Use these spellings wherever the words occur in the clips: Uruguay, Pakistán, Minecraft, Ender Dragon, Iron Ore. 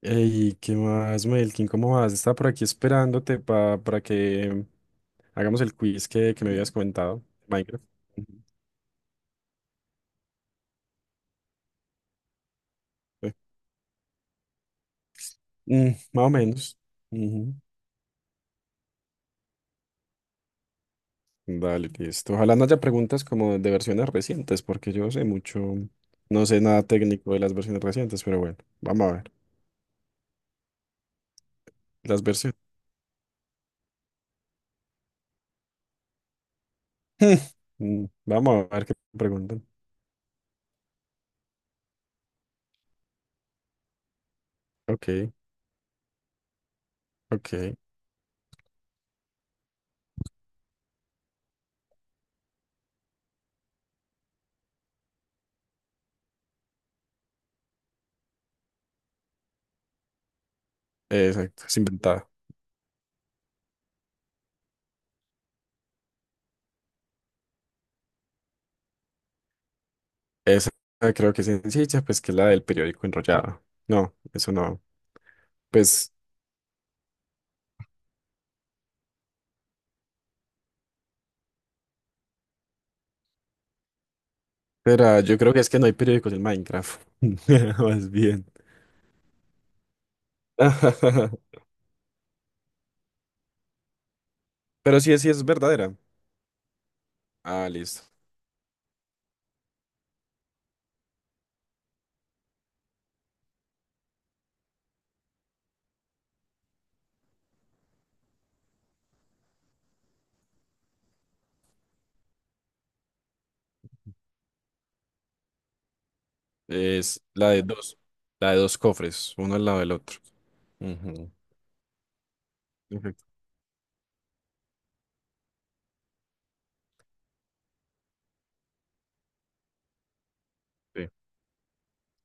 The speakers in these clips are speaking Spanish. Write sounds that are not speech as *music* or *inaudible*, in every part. Ey, ¿qué más, Melkin? ¿Cómo vas? Estaba por aquí esperándote para que hagamos el quiz que me habías comentado. Minecraft. Ujú. Eh, Más o menos. Ujú. Dale, listo. Ojalá no haya preguntas como de versiones recientes, porque yo sé mucho, no sé nada técnico de las versiones recientes, pero bueno, vamos a ver. Las versiones. *laughs* Vamos a ver qué preguntan. Ok, ok. Exacto, es inventada. Esa creo que es sencilla, pues que es la del periódico enrollado. No, eso no. Pues, Será, yo creo que es que no hay periódicos en Minecraft. *laughs* Más bien. *laughs* Pero sí, sí es verdadera. Ah, listo. Es la de dos. La de dos cofres, uno al lado del otro. Ujú. Perfecto. Sí.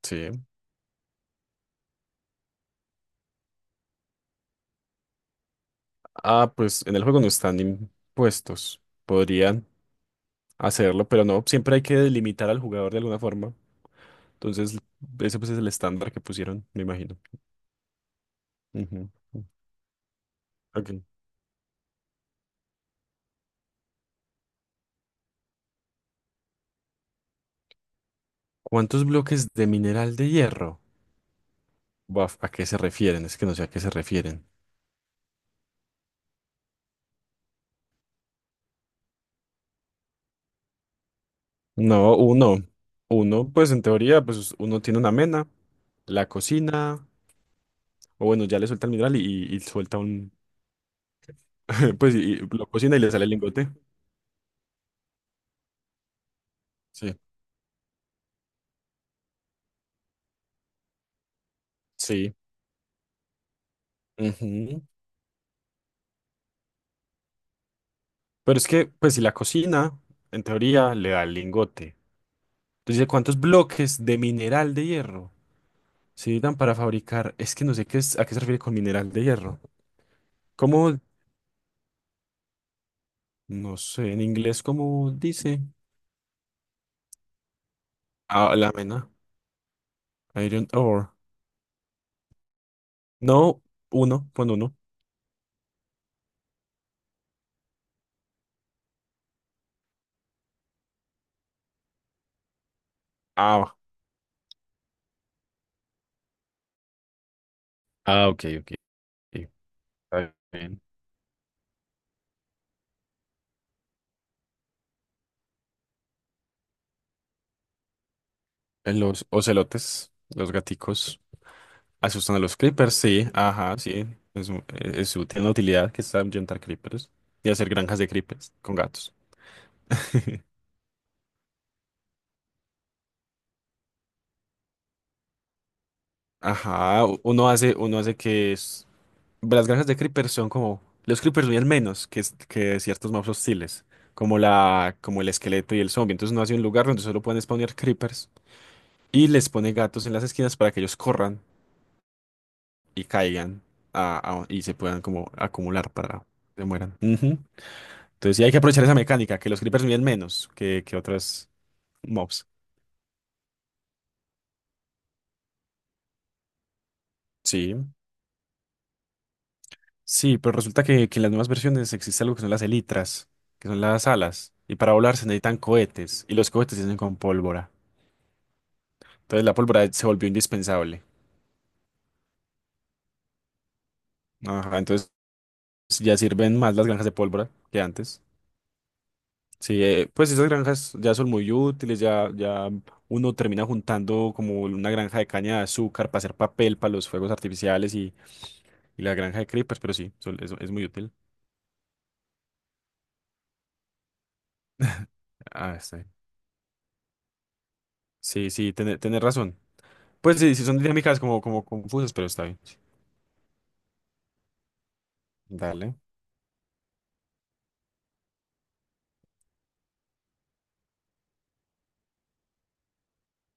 Sí. Ah, pues en el juego no están impuestos. Podrían hacerlo, pero no. Siempre hay que delimitar al jugador de alguna forma. Entonces, ese pues es el estándar que pusieron, me imagino. Ujú. Ok. ¿Cuántos bloques de mineral de hierro? Buaf, ¿a qué se refieren? Es que no sé a qué se refieren. No, uno. Uno, pues en teoría, pues uno tiene una mena, la cocina, o bueno, ya le suelta el mineral y suelta *laughs* pues y lo cocina y le sale el lingote. Sí. Sí. Ujú. Pero es que, pues si la cocina, en teoría, le da el lingote. Entonces, ¿cuántos bloques de mineral de hierro se necesitan para fabricar? Es que no sé qué es, a qué se refiere con mineral de hierro. ¿Cómo? No sé, en inglés, ¿cómo dice? Ah, la mena. Iron Ore. No, uno, pon uno. Ah. Ah, ok, ok. Ok. Está bien. Los ocelotes, los gaticos, asustan a los creepers, sí, ajá, sí. Es, u- es útil, tiene una utilidad que es ahuyentar creepers y hacer granjas de creepers con gatos. *laughs* Ajá, uno hace, las granjas de creepers son como los creepers viven menos que, que ciertos mobs hostiles, como el esqueleto y el zombie. Entonces uno hace un lugar donde solo pueden spawnear creepers y les pone gatos en las esquinas para que ellos corran y caigan y se puedan como acumular para que se mueran. Ujú. Entonces sí hay que aprovechar esa mecánica, que los creepers miden menos que otras mobs. Sí. Sí, pero resulta que en las nuevas versiones existe algo que son las elitras, que son las alas, y para volar se necesitan cohetes, y los cohetes se hacen con pólvora. Entonces la pólvora se volvió indispensable. Ajá, entonces ya sirven más las granjas de pólvora que antes. Sí, pues esas granjas ya son muy útiles, ya uno termina juntando como una granja de caña de azúcar para hacer papel para los fuegos artificiales y la granja de creepers, pero sí, es muy útil. Ah, está bien. Sí, sí, tener razón. Pues sí, sí son dinámicas como, como confusas, pero está bien. Dale.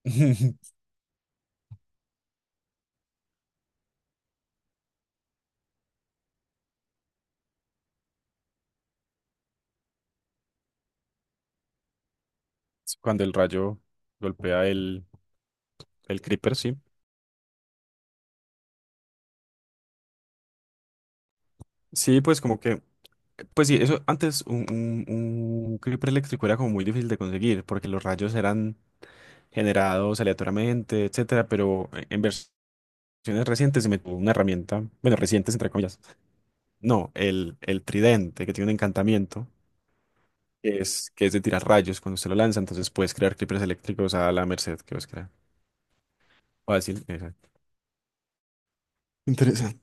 *laughs* Cuando el rayo golpea el creeper, sí. Sí, pues como que, pues sí, eso antes un creeper eléctrico era como muy difícil de conseguir porque los rayos eran generados aleatoriamente, etcétera, pero en versiones recientes se metió una herramienta, bueno, recientes entre comillas, no, el tridente que tiene un encantamiento que es de tirar rayos cuando se lo lanza, entonces puedes crear clippers eléctricos a la merced que vas a fácil, exacto. Interesante.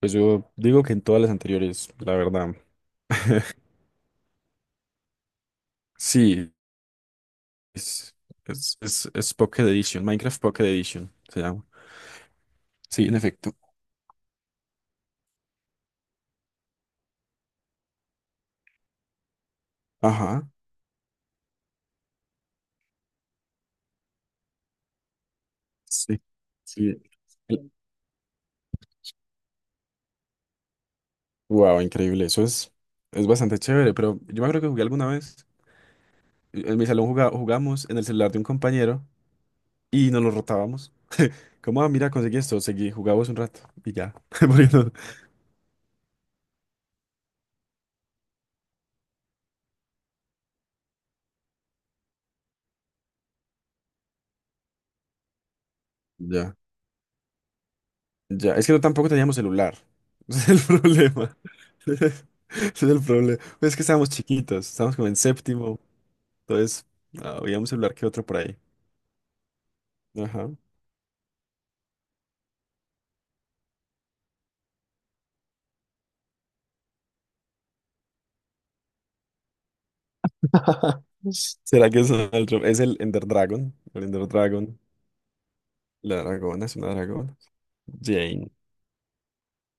Pues yo digo que en todas las anteriores, la verdad. *laughs* Sí, es, es Pocket Edition, Minecraft Pocket Edition se llama. Sí, en efecto. Ajá. Sí, sí. Wow, increíble. Eso es bastante chévere, pero yo me acuerdo que jugué alguna vez. En mi salón jugamos en el celular de un compañero y nos lo rotábamos. Como, ah, mira, conseguí esto, seguí, jugábamos un rato y ya. *laughs* Porque no. Ya, ya. Es que no, tampoco teníamos celular. *laughs* Ese es el problema. *laughs* Ese es el problema. Pues es que estábamos chiquitos, estábamos como en séptimo. Entonces, ah, había un celular que otro por ahí. Ajá. *laughs* ¿Será que es otro? Es el Ender Dragon. El Ender Dragon. La dragona es una dragona. Jane.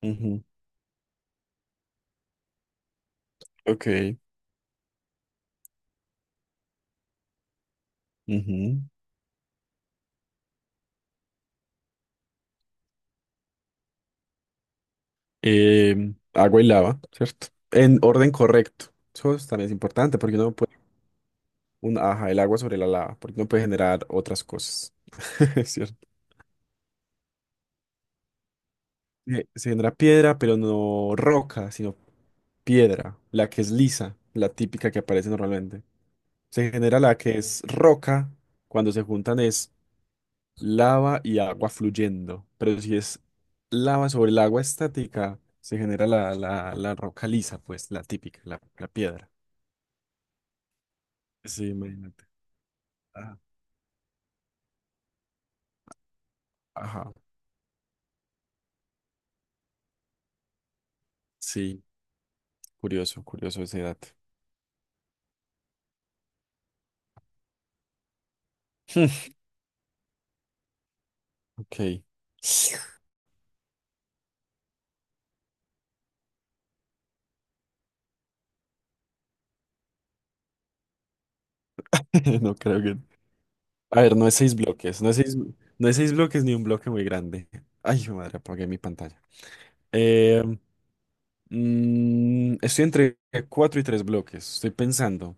Ujú. Ok. Ujú. Em, agua y lava, ¿cierto? En orden correcto. También es importante porque uno no puede, ajá, el agua sobre la lava, porque uno puede generar otras cosas. *laughs* Es. ¿Cierto? Se genera piedra, pero no roca, sino piedra, la que es lisa, la típica que aparece normalmente. Se genera la que es roca, cuando se juntan es lava y agua fluyendo. Pero si es lava sobre el agua estática, se genera la roca lisa, pues, la típica, la piedra. Sí, imagínate. Ah. Ajá. Sí, curioso, curioso ese dato. Hmm. Ok. *laughs* No creo que. A ver, no es 6 bloques. No es 6 bloques ni un bloque muy grande. Ay, mi madre, apagué mi pantalla. Eh, Estoy entre 4 y 3 bloques. Estoy pensando.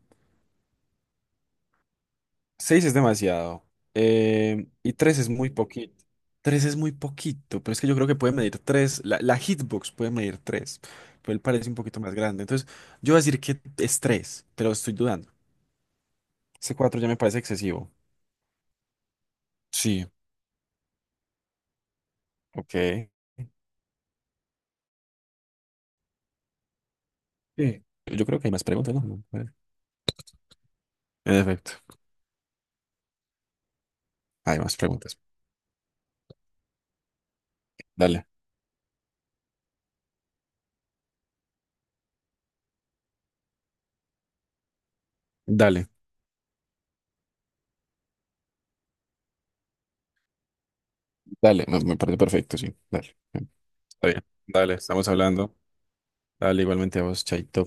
Seis es demasiado. Y tres es muy poquito. Tres es muy poquito, pero es que yo creo que puede medir tres. La hitbox puede medir tres, pero él parece un poquito más grande. Entonces, yo voy a decir que es tres, pero estoy dudando. Ese cuatro ya me parece excesivo. Sí, ok. Sí. Yo creo que hay más preguntas, ¿no? En efecto, hay más preguntas. Dale, dale, dale. Me parece perfecto, sí. Dale. Está bien. Dale, estamos hablando. Dale, igualmente a vos, Chaito.